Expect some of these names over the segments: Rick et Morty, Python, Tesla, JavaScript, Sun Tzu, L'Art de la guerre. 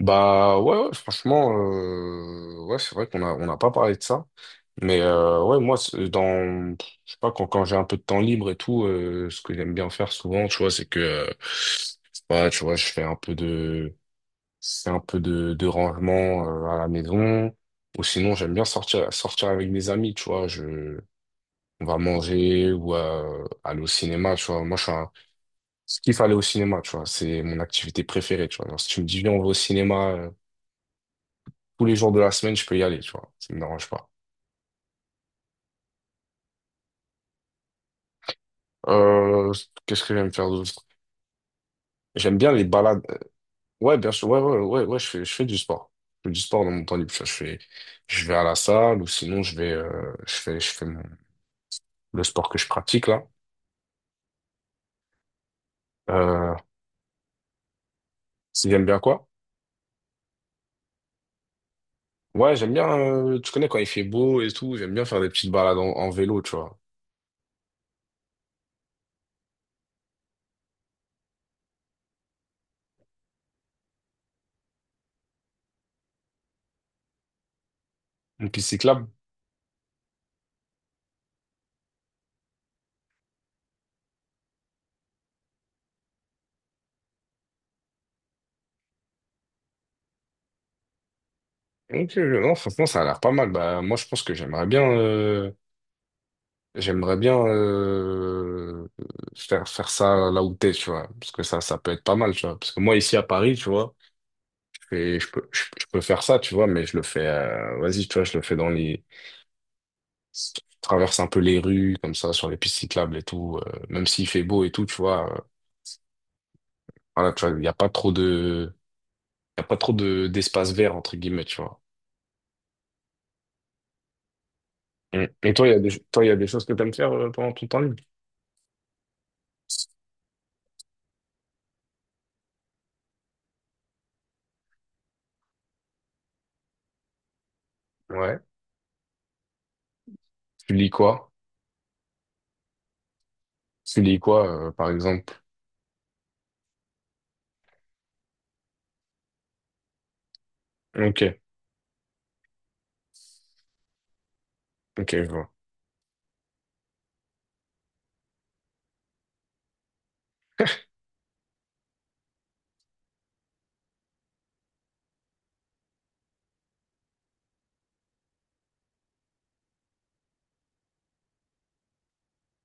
Bah ouais, ouais, franchement, ouais, c'est vrai qu'on a on n'a pas parlé de ça. Mais ouais, moi, je sais pas, quand j'ai un peu de temps libre et tout, ce que j'aime bien faire souvent, tu vois, je sais pas, tu vois, je fais c'est un peu de rangement à la maison. Ou sinon, j'aime bien sortir, sortir avec mes amis, tu vois. Je, on va manger ou aller au cinéma, tu vois. Moi, je suis un, je kiffe aller au cinéma, tu vois. C'est mon activité préférée, tu vois. Alors, si tu me dis, viens, on va au cinéma tous les jours de la semaine, je peux y aller, tu vois. Ça me dérange pas. Euh, qu'est-ce que j'aime faire d'autre? J'aime bien les balades. Ouais, bien sûr. Ouais, ouais, ouais, ouais, je fais du sport. Je fais du sport dans mon temps libre. Tu vois. Je vais à la salle ou sinon je vais, le sport que je pratique là. Euh, si j'aime bien quoi? Ouais, j'aime bien, tu connais quand il fait beau et tout, j'aime bien faire des petites balades en vélo, tu vois. Une piste cyclable. Ok. Non, franchement, ça a l'air pas mal. Bah, moi, je pense que j'aimerais bien. J'aimerais bien euh, faire ça là où t'es, tu vois, parce que ça peut être pas mal, tu vois. Parce que moi ici à Paris, tu vois, je peux faire ça, tu vois, mais je le fais, vas-y, tu vois, je le fais je traverse un peu les rues comme ça sur les pistes cyclables et tout, même s'il fait beau et tout, tu vois. Voilà, tu vois, il y a pas trop de d'espace vert entre guillemets, tu vois. Mm. Et toi, il y a des, toi, il y a des choses que t'aimes faire pendant ton temps libre. Ouais. Tu lis quoi? Tu lis quoi, par exemple? Ok, ok, je vois.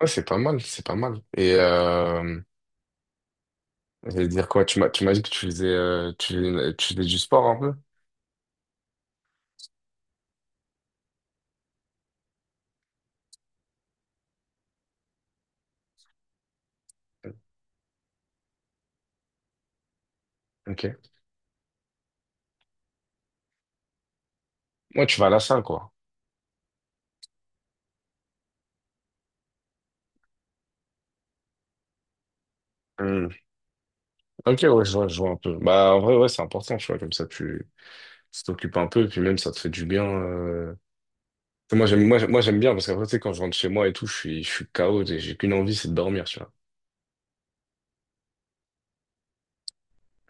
Ouais, c'est pas mal, c'est pas mal. Et j'allais dire quoi? Tu m'as dit que tu faisais, tu faisais du sport un peu? Ok. Moi, tu vas à la salle, quoi. Hmm. Ok, ouais, je vois un peu. Bah, en vrai, ouais, c'est important, tu vois, comme ça, tu t'occupes un peu, puis même, ça te fait du bien. Euh. Moi, j'aime bien, parce qu'après, tu sais, quand je rentre chez moi et tout, je suis KO, et j'ai qu'une envie, c'est de dormir, tu vois.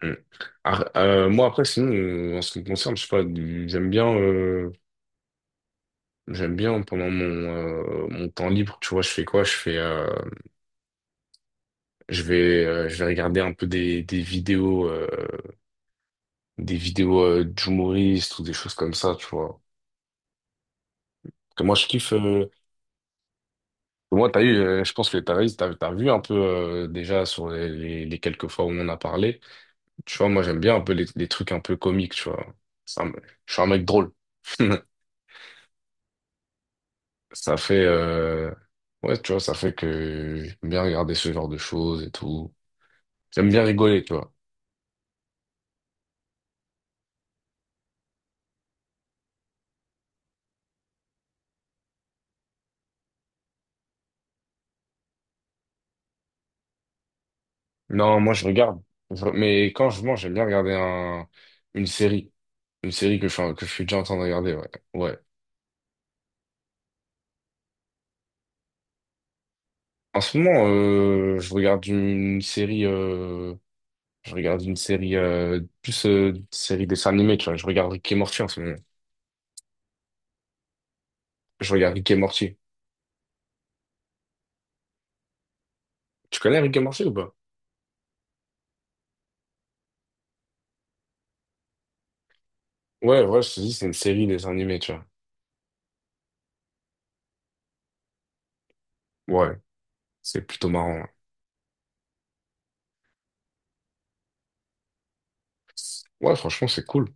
Hmm. Moi, après, sinon, en ce qui me concerne, je sais pas, j'aime bien, euh, j'aime bien pendant mon, mon temps libre, tu vois, je fais quoi? Je vais regarder un peu des vidéos, d'humoristes ou des choses comme ça, tu vois. Parce que moi, je kiffe. Je pense que t'as vu un peu déjà sur les quelques fois où on en a parlé. Tu vois, moi, j'aime bien un peu les trucs un peu comiques, tu vois. Ça me- je suis un mec drôle. Ça fait, euh, ouais, tu vois, ça fait que j'aime bien regarder ce genre de choses et tout. J'aime bien rigoler, tu vois. Non, moi, je regarde. Mais quand je mange, j'aime bien regarder une série. Une série que que je suis déjà en train de regarder, ouais. Ouais. En ce moment, je regarde une série, plus une série dessin animé, tu vois. Je regarde Rick et Morty en ce moment. Je regarde Rick et Morty. Tu connais Rick et Morty ou pas? Ouais, ouais, je te dis, c'est une série dessin animé, tu vois. Ouais, c'est plutôt marrant. Ouais, ouais, franchement, c'est cool.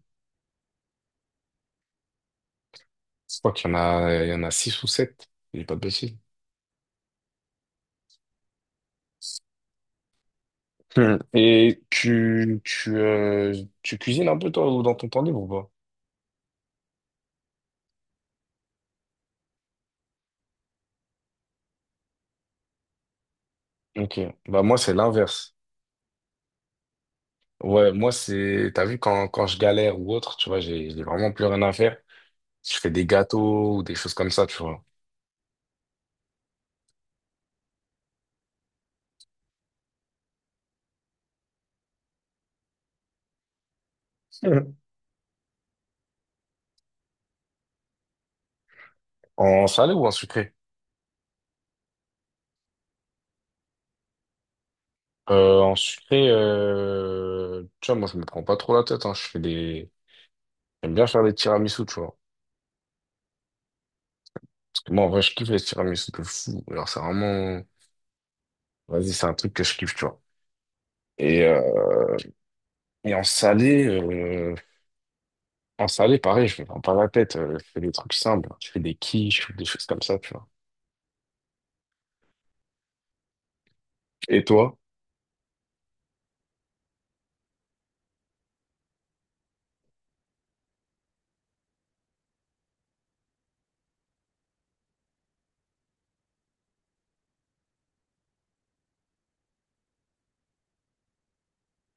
Je crois qu'il y en a, il y en a six ou sept. Je dis pas de bêtises. Hmm. Et tu cuisines un peu, toi, ou dans ton temps libre ou pas? Ok. Bah, moi, c'est l'inverse. Ouais, moi, c'est, t'as vu, quand je galère ou autre, tu vois, j'ai vraiment plus rien à faire. Je fais des gâteaux ou des choses comme ça, tu vois. Mhm. En salé ou en sucré? En sucré, tu vois, moi, je me prends pas trop la tête, hein. J'aime bien faire des tiramisu, tu vois. Parce que moi, en vrai, je kiffe les tiramisu de fou. Alors, c'est vraiment, vas-y, c'est un truc que je kiffe, tu vois. Et, euh, et en salé, pareil, je me prends pas la tête. Je fais des trucs simples. Hein. Je fais des quiches ou des choses comme ça, tu vois. Et toi?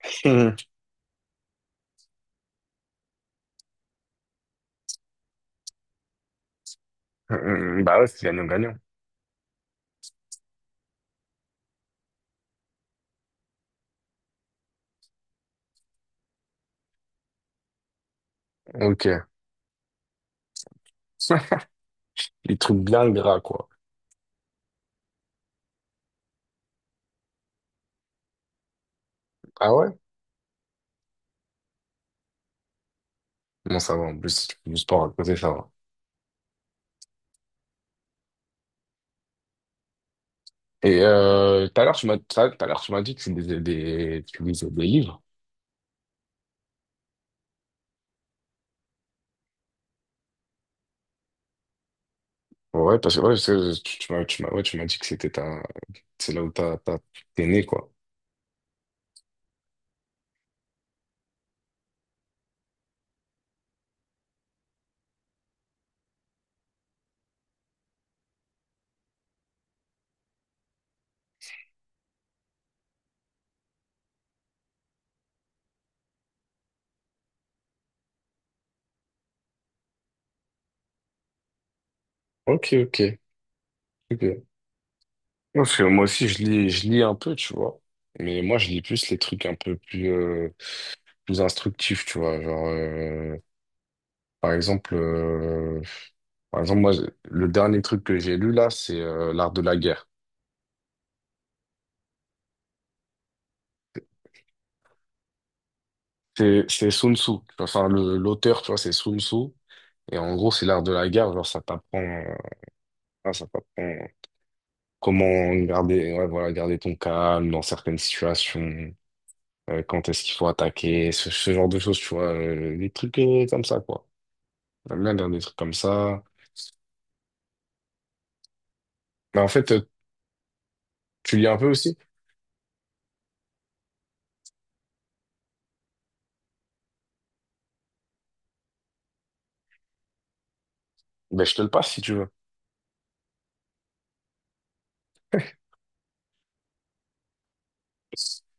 Mm, bah ouais, c'est gagnant-gagnant. Ok. Les trucs bien gras, quoi. Ah ouais? Bon, ça va, en plus, si tu fais du sport à côté, ça va. Et tout à l'heure, tu m'as tout à tout à l'heure, tu m'as dit que tu lisais tu lisais des livres. Ouais, parce que ouais, ouais, tu m'as dit que c'était ta, c'est là où t'es né, quoi. Ok, ok, ok. Parce que moi aussi, je lis un peu, tu vois. Mais moi, je lis plus les trucs un peu plus, plus instructifs, tu vois. Genre, par exemple, euh, Par exemple, moi, le dernier truc que j'ai lu là, c'est L'Art de la guerre. C'est Sun Tzu. Tu vois, enfin, l'auteur, tu vois, c'est Sun Tzu. Et en gros, c'est l'art de la guerre. Genre, ça t'apprend comment garder, ouais, voilà, garder ton calme dans certaines situations. Euh, quand est-ce qu'il faut attaquer, ce genre de choses, tu vois, des trucs comme ça, quoi. J'aime bien lire des trucs comme ça. Mais en fait, tu lis un peu aussi? Ben, je te le passe si tu veux.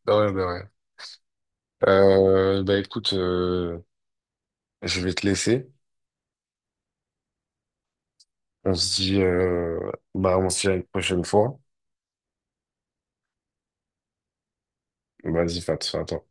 De rien, de rien. Ben, écoute, je vais te laisser. On se dit, euh, bah, on se dit à une prochaine fois. Vas-y, fais attention.